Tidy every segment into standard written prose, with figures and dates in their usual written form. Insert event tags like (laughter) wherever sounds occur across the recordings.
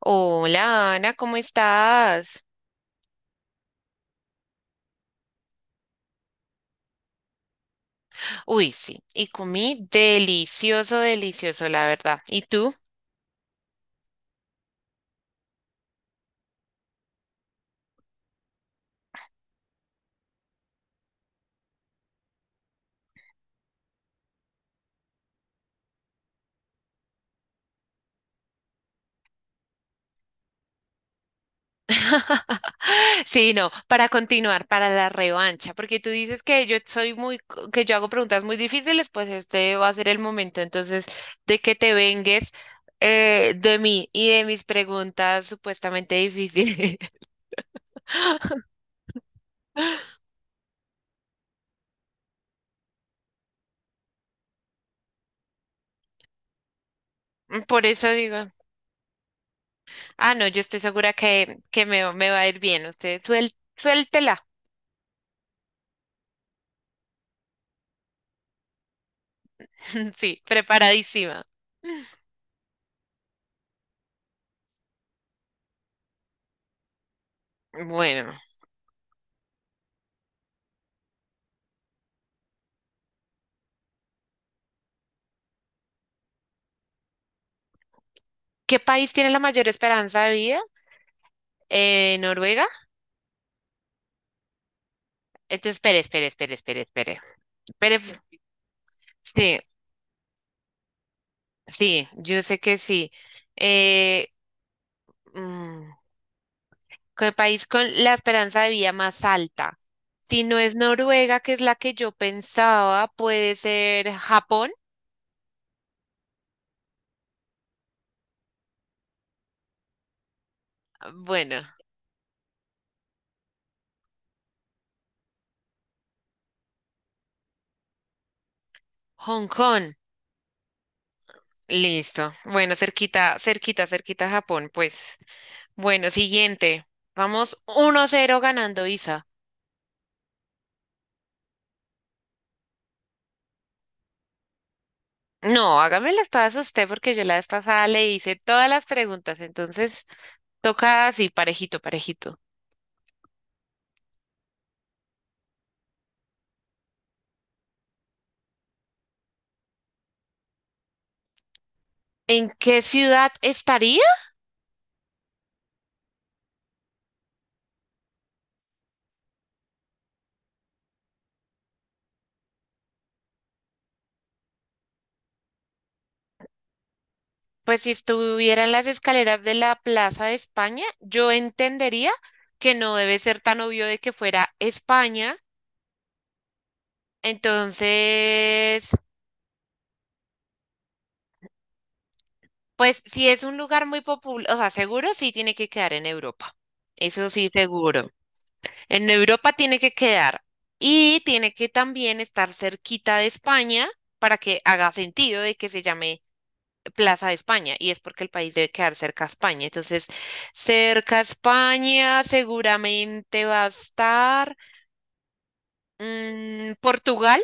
Hola Ana, ¿cómo estás? Uy, sí, y comí delicioso, delicioso, la verdad. ¿Y tú? (laughs) Sí, no, para continuar, para la revancha, porque tú dices que yo soy que yo hago preguntas muy difíciles, pues este va a ser el momento entonces de que te vengues de mí y de mis preguntas supuestamente difíciles. (laughs) Por eso digo, ah, no, yo estoy segura que, que me va a ir bien. Usted suéltela. (laughs) Sí, preparadísima. Bueno, ¿qué país tiene la mayor esperanza de vida? Noruega. Entonces, espere, espere, espere, espere, espere. Espere, sí, sí, yo sé que sí. Eh, mm, ¿Qué país con la esperanza de vida más alta? Si no es Noruega, que es la que yo pensaba, puede ser Japón. Bueno, Hong Kong. Listo. Bueno, cerquita, cerquita, cerquita a Japón, pues. Bueno, siguiente. Vamos 1-0 ganando Isa. No, hágamelas todas a usted porque yo la vez pasada le hice todas las preguntas, entonces toca así, parejito, parejito. ¿En qué ciudad estaría? Pues si estuviera en las escaleras de la Plaza de España, yo entendería que no debe ser tan obvio de que fuera España. Entonces, pues si es un lugar muy popular, o sea, seguro sí tiene que quedar en Europa. Eso sí, seguro. En Europa tiene que quedar y tiene que también estar cerquita de España para que haga sentido de que se llame Plaza de España y es porque el país debe quedar cerca a España. Entonces, cerca a España seguramente va a estar Portugal.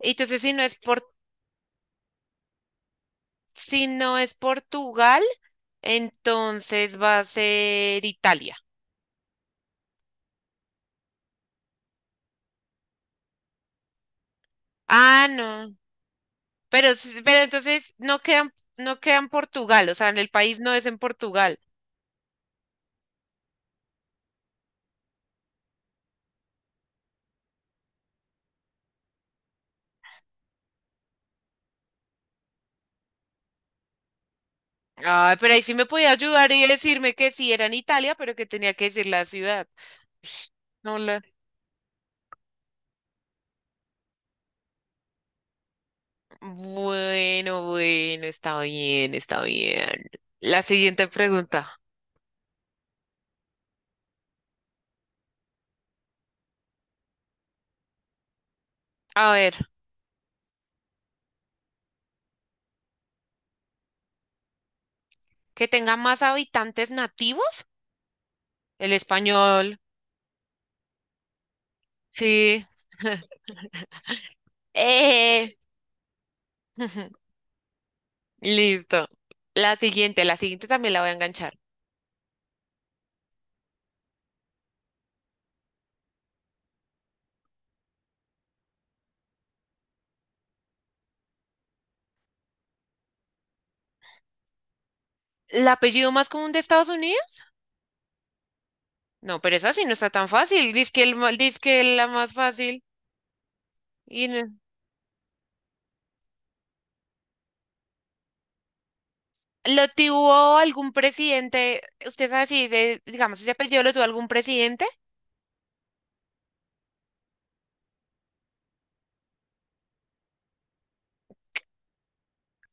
Entonces, si no es Portugal, entonces va a ser Italia. Ah, no. Pero, pero entonces no quedan Portugal, o sea, en el país no es en Portugal. Ay, pero ahí sí me podía ayudar y decirme que sí era en Italia, pero que tenía que decir la ciudad. (sniffs) No la... Bueno, bueno, está bien, está bien. La siguiente pregunta. A ver, que tenga más habitantes nativos. El español. Sí. (laughs) Eh. (laughs) Listo. La siguiente también la voy a enganchar. ¿El apellido más común de Estados Unidos? No, pero esa sí no está tan fácil. Dice que, dizque la más fácil. Y no- ¿Lo tuvo algún presidente? Usted sabe si, de- digamos, ese apellido lo tuvo algún presidente.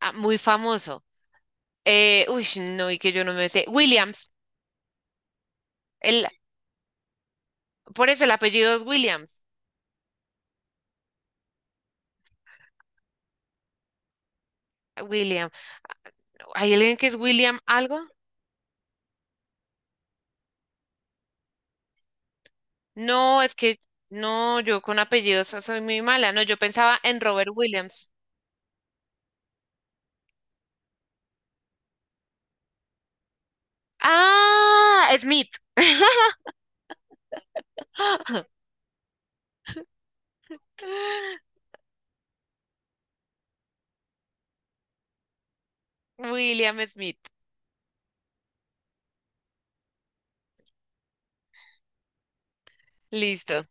Ah, muy famoso. Uy, no, y que yo no me sé. Williams. El, por eso el apellido es Williams. William. ¿Hay alguien que es William algo? No, es que no, yo con apellidos soy muy mala. No, yo pensaba en Robert Williams. Ah, Smith. (laughs) William Smith. Listo.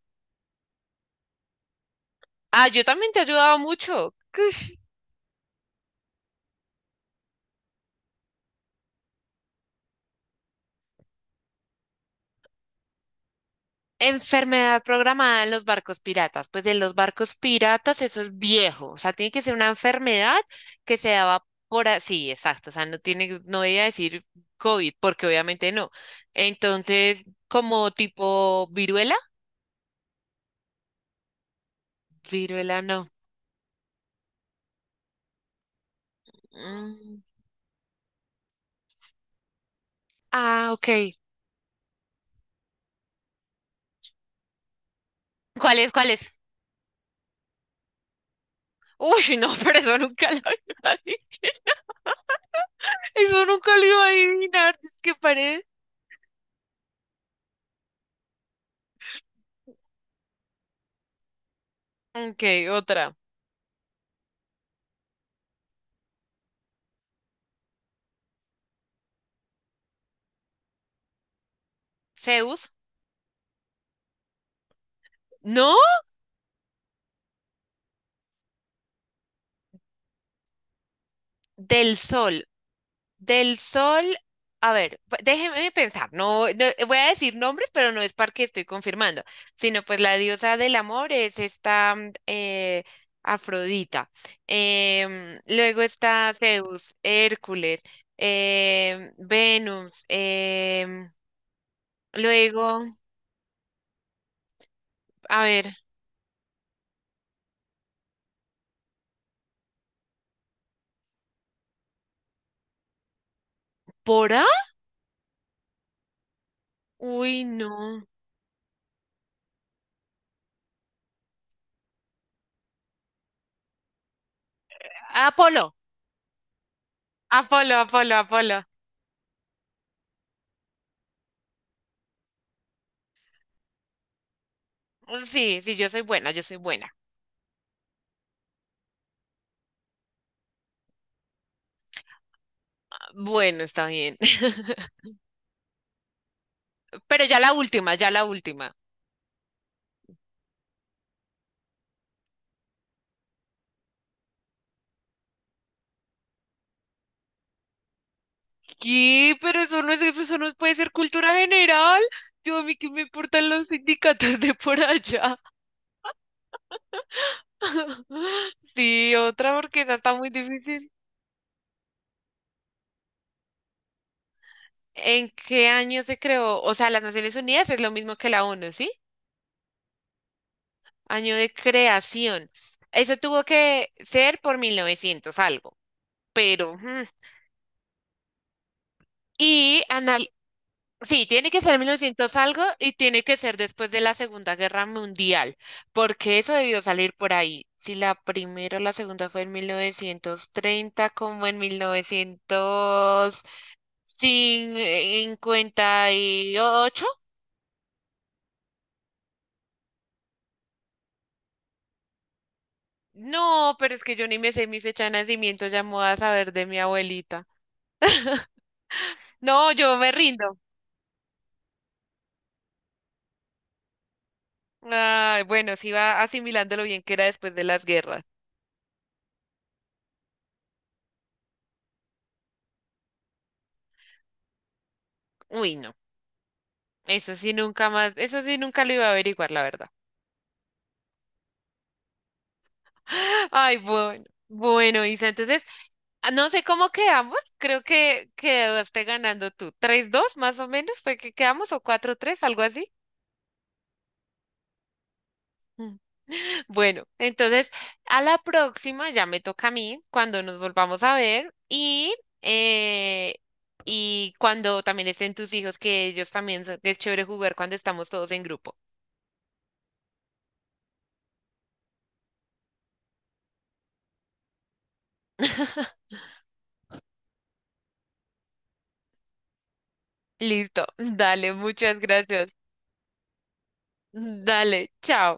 Ah, yo también te he ayudado mucho. (laughs) Enfermedad programada en los barcos piratas. Pues en los barcos piratas eso es viejo, o sea, tiene que ser una enfermedad que se daba por así, exacto, o sea, no tiene, no voy a decir COVID, porque obviamente no. Entonces, como tipo viruela, viruela no. Mm. Ah, ok. ¿Cuál es? ¿Cuál es? Uy, no, (laughs) pero eso nunca lo iba a adivinar. Eso nunca lo iba a adivinar, es que parece. Ok, otra. Zeus. No, del sol. Del sol, a ver, déjeme pensar, no, voy a decir nombres, pero no es porque estoy confirmando, sino pues la diosa del amor es esta, Afrodita. Luego está Zeus, Hércules, Venus, luego, a ver, ¿Pora? Uy, no. Apolo, Apolo, Apolo, Apolo. Sí, sí, yo soy buena, yo soy buena. Bueno, está bien. (laughs) Pero ya la última, ya la última. ¿Qué? Pero eso no es eso, eso no puede ser cultura general. Yo a mí que me importan los sindicatos de por allá. (laughs) Sí, otra porque esa está muy difícil. ¿En qué año se creó? O sea, las Naciones Unidas es lo mismo que la ONU, ¿sí? Año de creación. Eso tuvo que ser por 1900 algo, pero... hmm. Y anal. Sí, tiene que ser mil novecientos algo y tiene que ser después de la Segunda Guerra Mundial, porque eso debió salir por ahí. Si la primera o la segunda fue en 1930 como en 1958. No, pero es que yo ni me sé mi fecha de nacimiento, ya me voy a saber de mi abuelita. No, yo me rindo. Ay, bueno, sí va asimilando lo bien que era después de las guerras. Uy, no, eso sí nunca más, eso sí nunca lo iba a averiguar, la verdad. Ay, bueno. Bueno, Isa, entonces, no sé cómo quedamos, creo que quedaste ganando tú. 3-2, más o menos fue que quedamos o 4-3, algo así. Mm. (laughs) Bueno, entonces a la próxima ya me toca a mí cuando nos volvamos a ver eh, y cuando también estén tus hijos, que ellos también que es chévere jugar cuando estamos todos en grupo. (laughs) Listo, dale, muchas gracias. Dale, chao.